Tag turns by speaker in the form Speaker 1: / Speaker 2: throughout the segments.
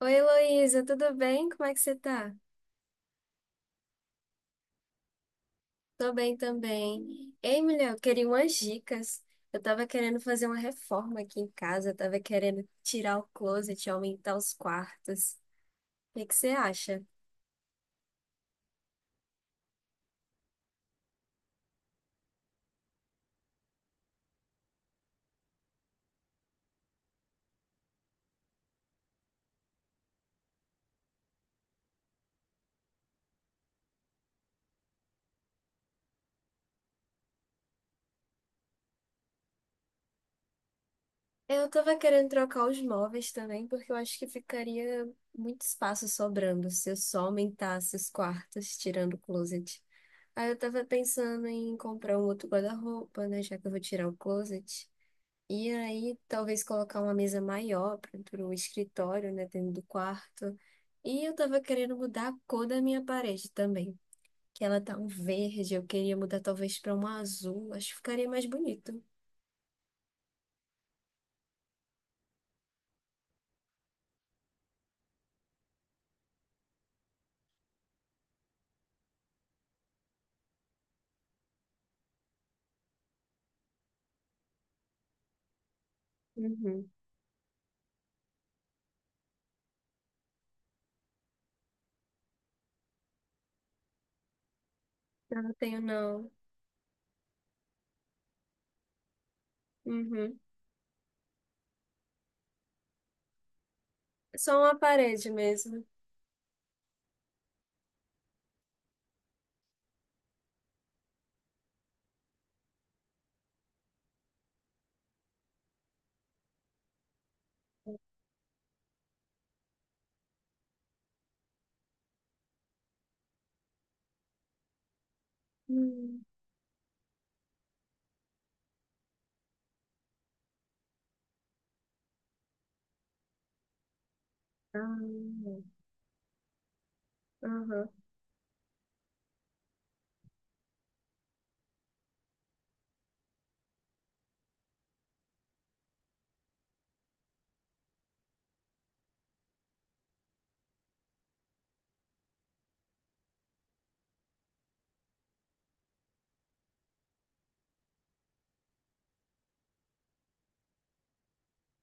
Speaker 1: Oi, Heloísa, tudo bem? Como é que você tá? Tô bem também. Ei, mulher, eu queria umas dicas. Eu tava querendo fazer uma reforma aqui em casa, eu tava querendo tirar o closet, aumentar os quartos. O que que você acha? Eu tava querendo trocar os móveis também, porque eu acho que ficaria muito espaço sobrando se eu só aumentasse os quartos, tirando o closet. Aí eu tava pensando em comprar um outro guarda-roupa, né, já que eu vou tirar o closet. E aí, talvez colocar uma mesa maior para o escritório, né, dentro do quarto. E eu tava querendo mudar a cor da minha parede também, que ela tá um verde, eu queria mudar talvez para um azul, acho que ficaria mais bonito. Uhum. Eu não tenho, não. Uhum. Só uma parede mesmo. Hum. Ah, aham.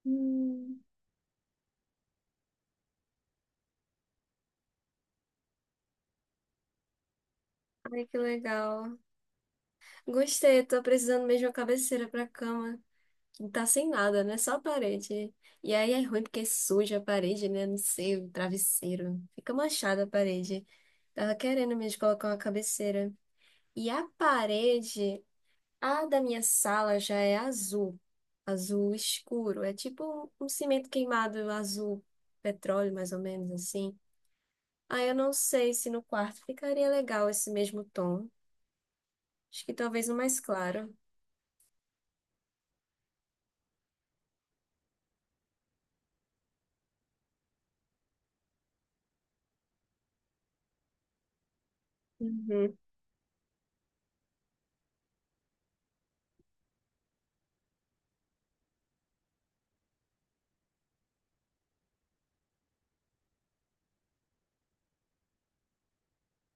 Speaker 1: Hum. Ai, que legal. Gostei, eu tô precisando mesmo de uma cabeceira pra cama. Não tá sem nada, né? Só a parede. E aí é ruim porque suja a parede, né? Não sei, o travesseiro. Fica manchada a parede. Tava querendo mesmo colocar uma cabeceira. E a parede, a da minha sala já é azul. Azul escuro. É tipo um cimento queimado azul, petróleo, mais ou menos assim. Aí eu não sei se no quarto ficaria legal esse mesmo tom. Acho que talvez um mais claro. Uhum.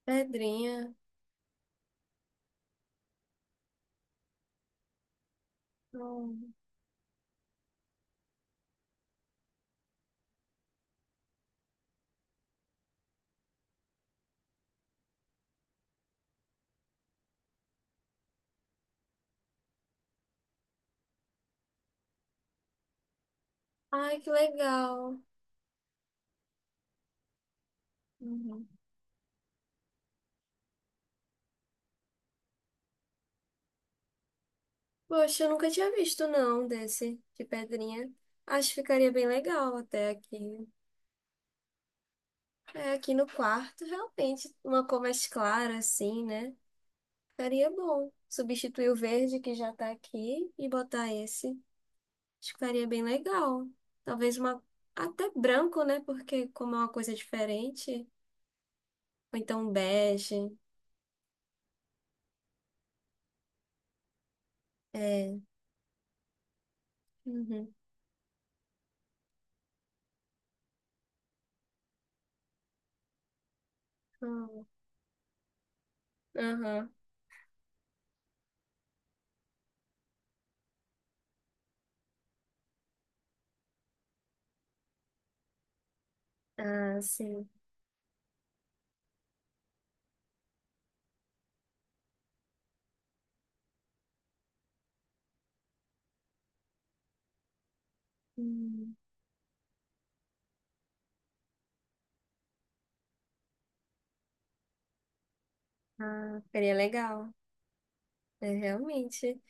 Speaker 1: Pedrinha. Hum. Ai, que legal. Uhum. Poxa, eu nunca tinha visto não desse de pedrinha. Acho que ficaria bem legal até aqui. É, aqui no quarto, realmente, uma cor mais clara assim, né? Ficaria bom. Substituir o verde que já tá aqui e botar esse. Acho que ficaria bem legal. Talvez uma até branco, né? Porque como é uma coisa diferente, ou então um bege. É. Uhum. Hum, aham. Ah, sim. Hum. Ah, ficaria legal. É, realmente.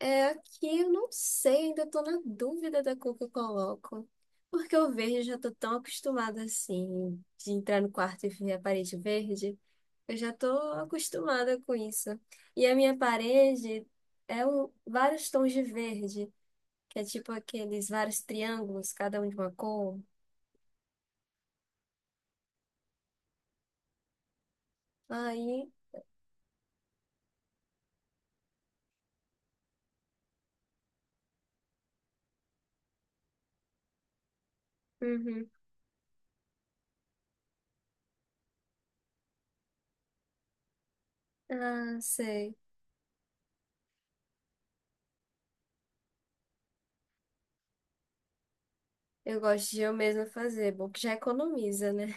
Speaker 1: É, aqui eu não sei, ainda tô na dúvida da cor que eu coloco. Porque o verde eu já tô tão acostumada assim, de entrar no quarto e ver a parede verde. Eu já tô acostumada com isso. E a minha parede é um, vários tons de verde, que é tipo aqueles vários triângulos, cada um de uma cor. Aí, uhum. Ah, sei. Eu gosto de eu mesma fazer, é bom que já economiza, né?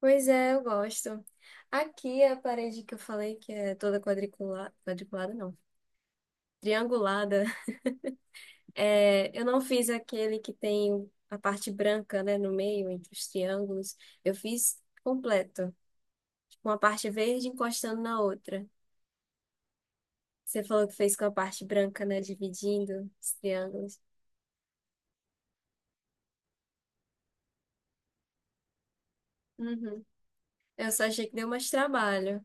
Speaker 1: Pois é, eu gosto. Aqui a parede que eu falei, que é toda quadriculada, quadriculada não, triangulada, é, eu não fiz aquele que tem a parte branca, né, no meio, entre os triângulos. Eu fiz completo, com a parte verde encostando na outra. Você falou que fez com a parte branca, né, dividindo os triângulos. Uhum. Eu só achei que deu mais trabalho.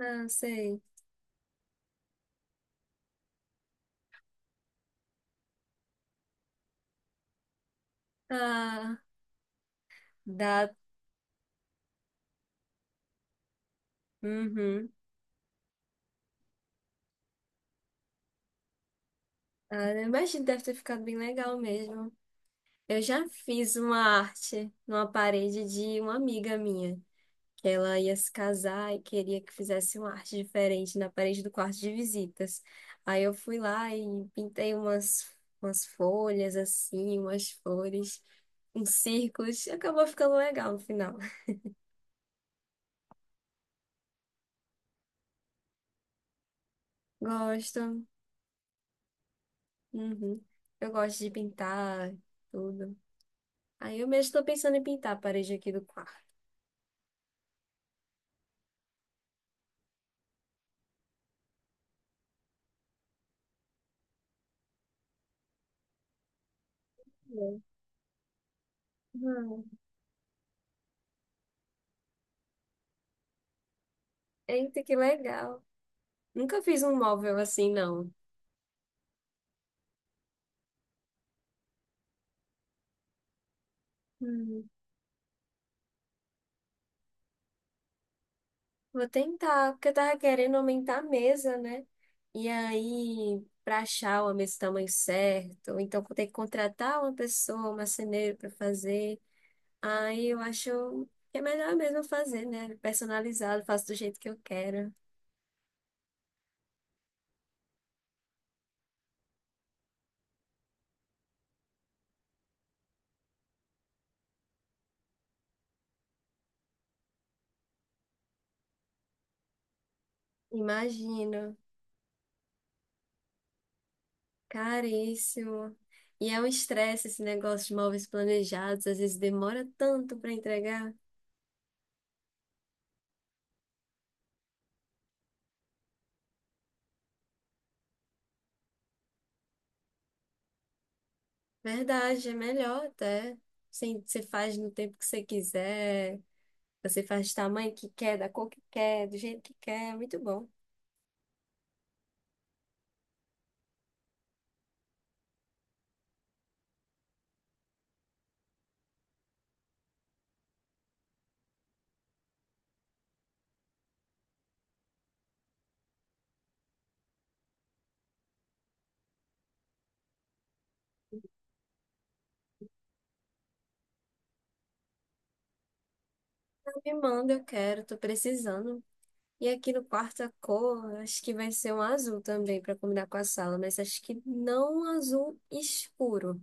Speaker 1: Ah, sei. Ah, dá. Uhum. Ah, eu imagino que deve ter ficado bem legal mesmo. Eu já fiz uma arte numa parede de uma amiga minha, que ela ia se casar e queria que fizesse uma arte diferente na parede do quarto de visitas. Aí eu fui lá e pintei umas, umas folhas assim, umas flores, uns círculos. Acabou ficando legal no final. Gosto. Uhum. Eu gosto de pintar tudo. Aí eu mesmo estou pensando em pintar a parede aqui do quarto. Hum. Eita, que legal. Nunca fiz um móvel assim, não. Hum, vou tentar, porque eu tava querendo aumentar a mesa, né? E aí, para achar uma mesa do tamanho certo, ou então vou ter que contratar uma pessoa, um marceneiro para fazer. Aí eu acho que é melhor mesmo fazer, né? Personalizado, faço do jeito que eu quero. Imagino, caríssimo. E é um estresse esse negócio de móveis planejados, às vezes demora tanto para entregar. Verdade, é melhor até. Sim, você faz no tempo que você quiser. Você faz do tamanho que quer, da cor que quer, do jeito que quer, muito bom. Ela me manda, eu quero, tô precisando. E aqui no quarto a cor, acho que vai ser um azul também para combinar com a sala, mas acho que não um azul escuro,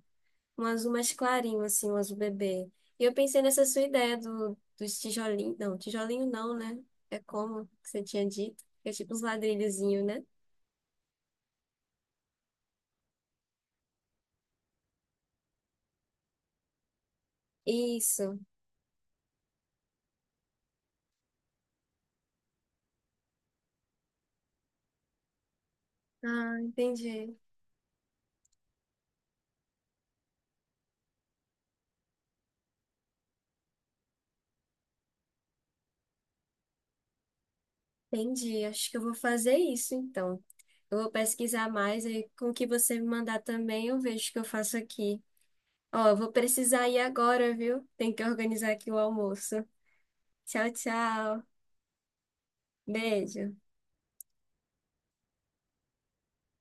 Speaker 1: um azul mais clarinho, assim, um azul bebê. E eu pensei nessa sua ideia do, dos tijolinhos, não, tijolinho não, né? É como que você tinha dito, que é tipo uns ladrilhozinhos, né? Isso. Ah, entendi. Entendi. Acho que eu vou fazer isso então. Eu vou pesquisar mais e com o que você me mandar também eu vejo o que eu faço aqui. Ó, eu vou precisar ir agora, viu? Tem que organizar aqui o almoço. Tchau, tchau. Beijo.